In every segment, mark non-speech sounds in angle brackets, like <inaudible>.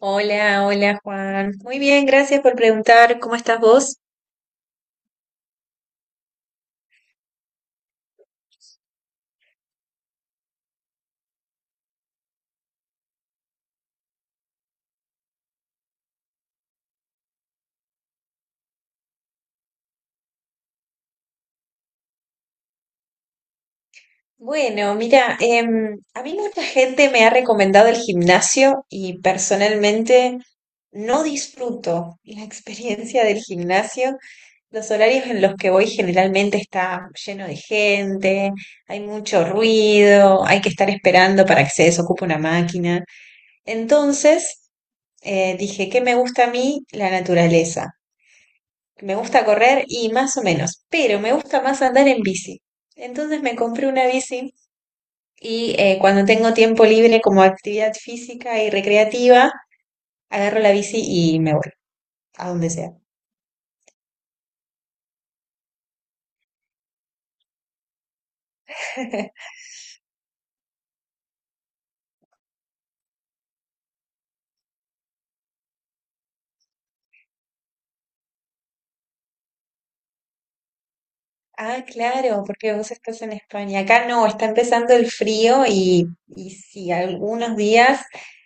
Hola, hola Juan. Muy bien, gracias por preguntar. ¿Cómo estás vos? Bueno, mira, a mí mucha gente me ha recomendado el gimnasio y personalmente no disfruto la experiencia del gimnasio. Los horarios en los que voy generalmente está lleno de gente, hay mucho ruido, hay que estar esperando para que se desocupe una máquina. Entonces, dije que me gusta a mí la naturaleza. Me gusta correr y más o menos, pero me gusta más andar en bici. Entonces me compré una bici y cuando tengo tiempo libre como actividad física y recreativa, agarro la bici y me voy a donde sea. <laughs> Ah, claro, porque vos estás en España. Acá no, está empezando el frío y sí, algunos días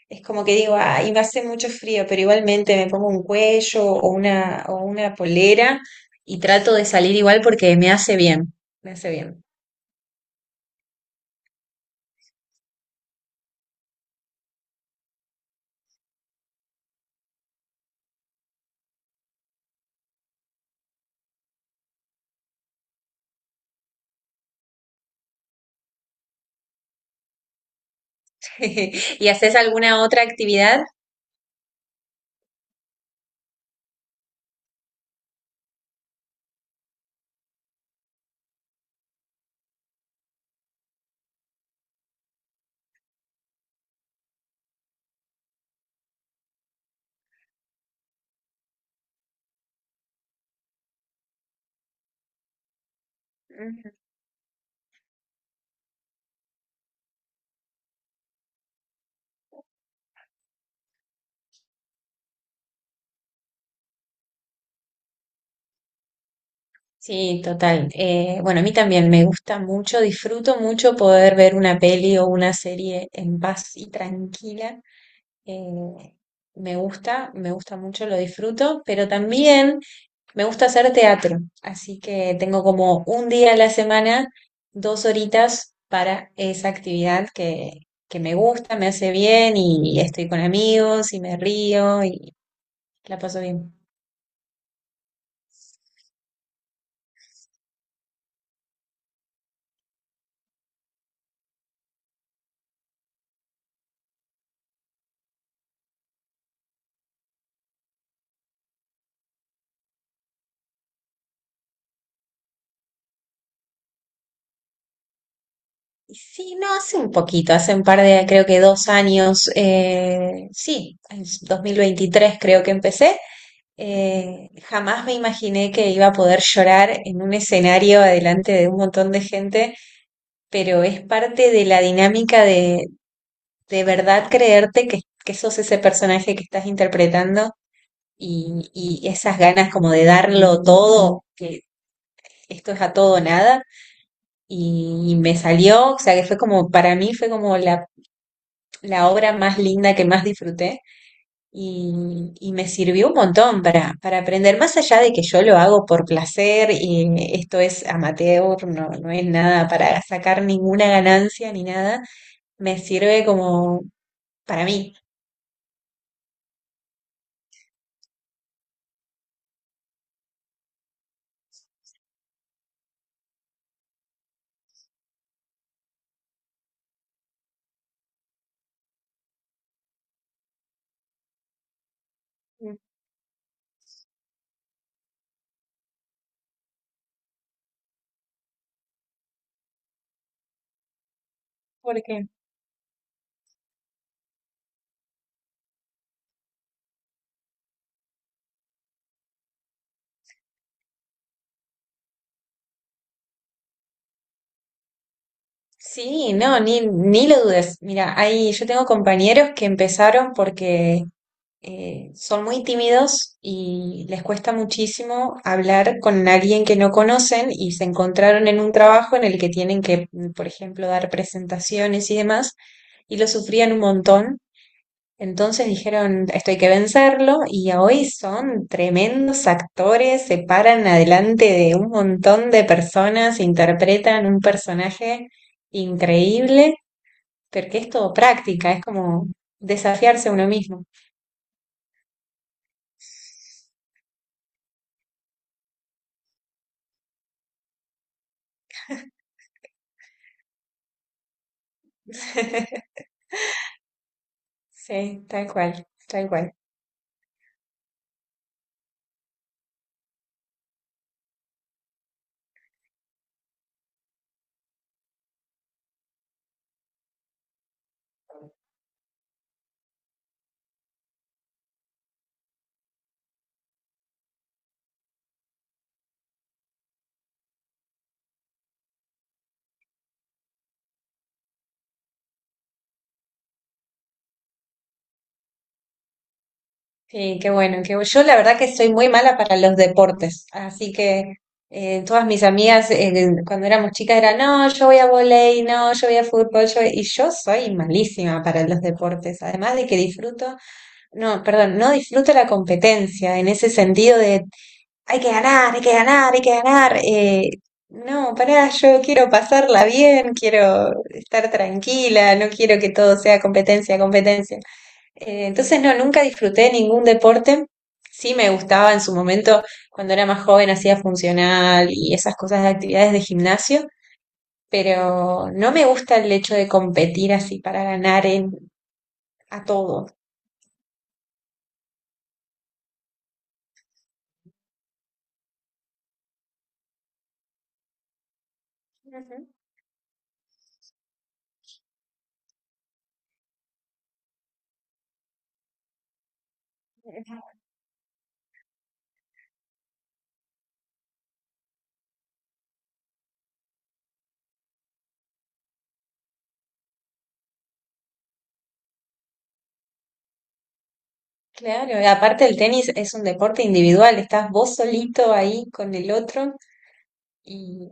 es como que digo, ay, me hace mucho frío, pero igualmente me pongo un cuello o una polera y trato de salir igual porque me hace bien, me hace bien. <laughs> ¿Y haces alguna otra actividad? Ujú. Sí, total. Bueno, a mí también me gusta mucho, disfruto mucho poder ver una peli o una serie en paz y tranquila. Eh, me gusta mucho, lo disfruto, pero también me gusta hacer teatro, así que tengo como un día a la semana, 2 horitas para esa actividad que me gusta, me hace bien y estoy con amigos y me río y la paso bien. Y sí, no, hace un poquito, hace un par de, creo que 2 años, sí, es 2023 creo que empecé. Jamás me imaginé que iba a poder llorar en un escenario adelante de un montón de gente, pero es parte de la dinámica de verdad creerte que sos ese personaje que estás interpretando y esas ganas como de darlo todo, que esto es a todo o nada, y me salió, o sea, que fue como, para mí fue como la obra más linda que más disfruté y me sirvió un montón para aprender, más allá de que yo lo hago por placer y esto es amateur, no, no es nada para sacar ninguna ganancia ni nada, me sirve como para mí. Porque Sí, no, ni lo dudes. Mira, hay, yo tengo compañeros que empezaron porque son muy tímidos y les cuesta muchísimo hablar con alguien que no conocen y se encontraron en un trabajo en el que tienen que, por ejemplo, dar presentaciones y demás, y lo sufrían un montón. Entonces dijeron, esto hay que vencerlo, y hoy son tremendos actores, se paran adelante de un montón de personas, interpretan un personaje increíble, porque es todo práctica, es como desafiarse a uno mismo. <laughs> Sí, tal cual, tal cual. Sí, qué bueno, yo la verdad que soy muy mala para los deportes, así que todas mis amigas cuando éramos chicas eran, no, yo voy a volei, no, yo voy a fútbol, y yo soy malísima para los deportes, además de que disfruto, no, perdón, no disfruto la competencia en ese sentido de hay que ganar, hay que ganar, hay que ganar. No, pará, yo quiero pasarla bien, quiero estar tranquila, no quiero que todo sea competencia, competencia. Entonces, no, nunca disfruté ningún deporte. Sí me gustaba en su momento, cuando era más joven, hacía funcional y esas cosas de actividades de gimnasio, pero no me gusta el hecho de competir así para ganar en, a todo. Ujú. Claro, y aparte el tenis es un deporte individual, estás vos solito ahí con el otro y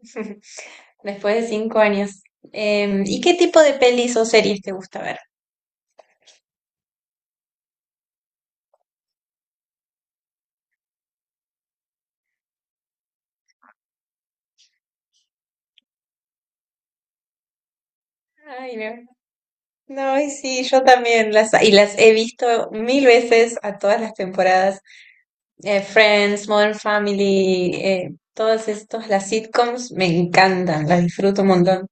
<laughs> después de 5 años. ¿Y qué tipo de pelis o series te gusta ver? Ay, no. No, y sí, yo también las he visto mil veces a todas las temporadas. Friends, Modern Family, todas estas, las sitcoms me encantan, las disfruto un montón.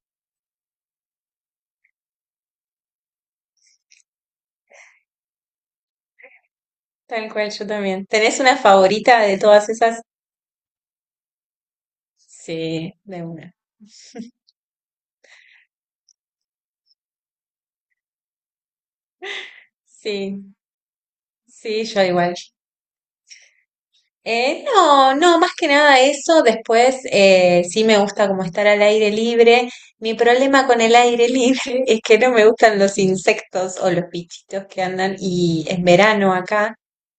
Tal cual, yo también. ¿Tenés una favorita de todas esas? Sí, de una. Sí, sí, yo igual. No, no, más que nada eso. Después sí me gusta como estar al aire libre. Mi problema con el aire libre <laughs> es que no me gustan los insectos o los bichitos que andan. Y en verano acá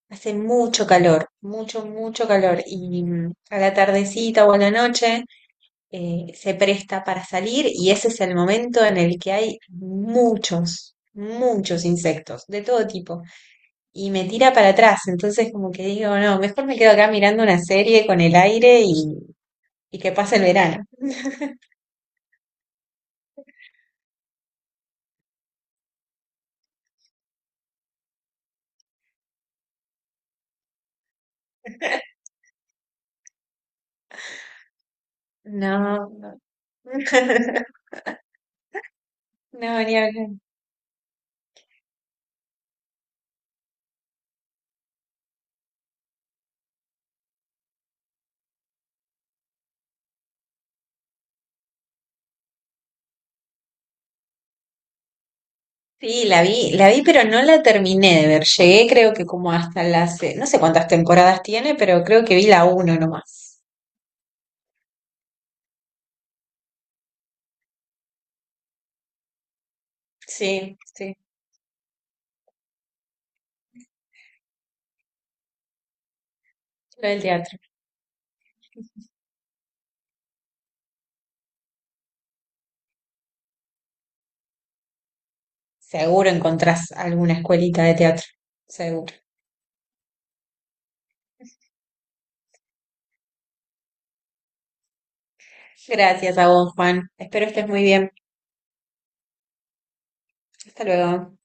hace mucho calor, mucho, mucho calor. Y a la tardecita o a la noche se presta para salir y ese es el momento en el que hay muchos, muchos insectos de todo tipo y me tira para atrás. Entonces, como que digo, no, mejor me quedo acá mirando una serie con el aire y que pase el verano. No, no. <laughs> No, ni hablar. Sí, la vi, pero no la terminé de ver. Llegué, creo que como hasta las, no sé cuántas temporadas tiene, pero creo que vi la uno nomás. Sí, sí, lo del teatro. Seguro encontrás alguna escuelita de teatro. Seguro. Gracias a vos, Juan. Espero estés muy bien. Hasta luego.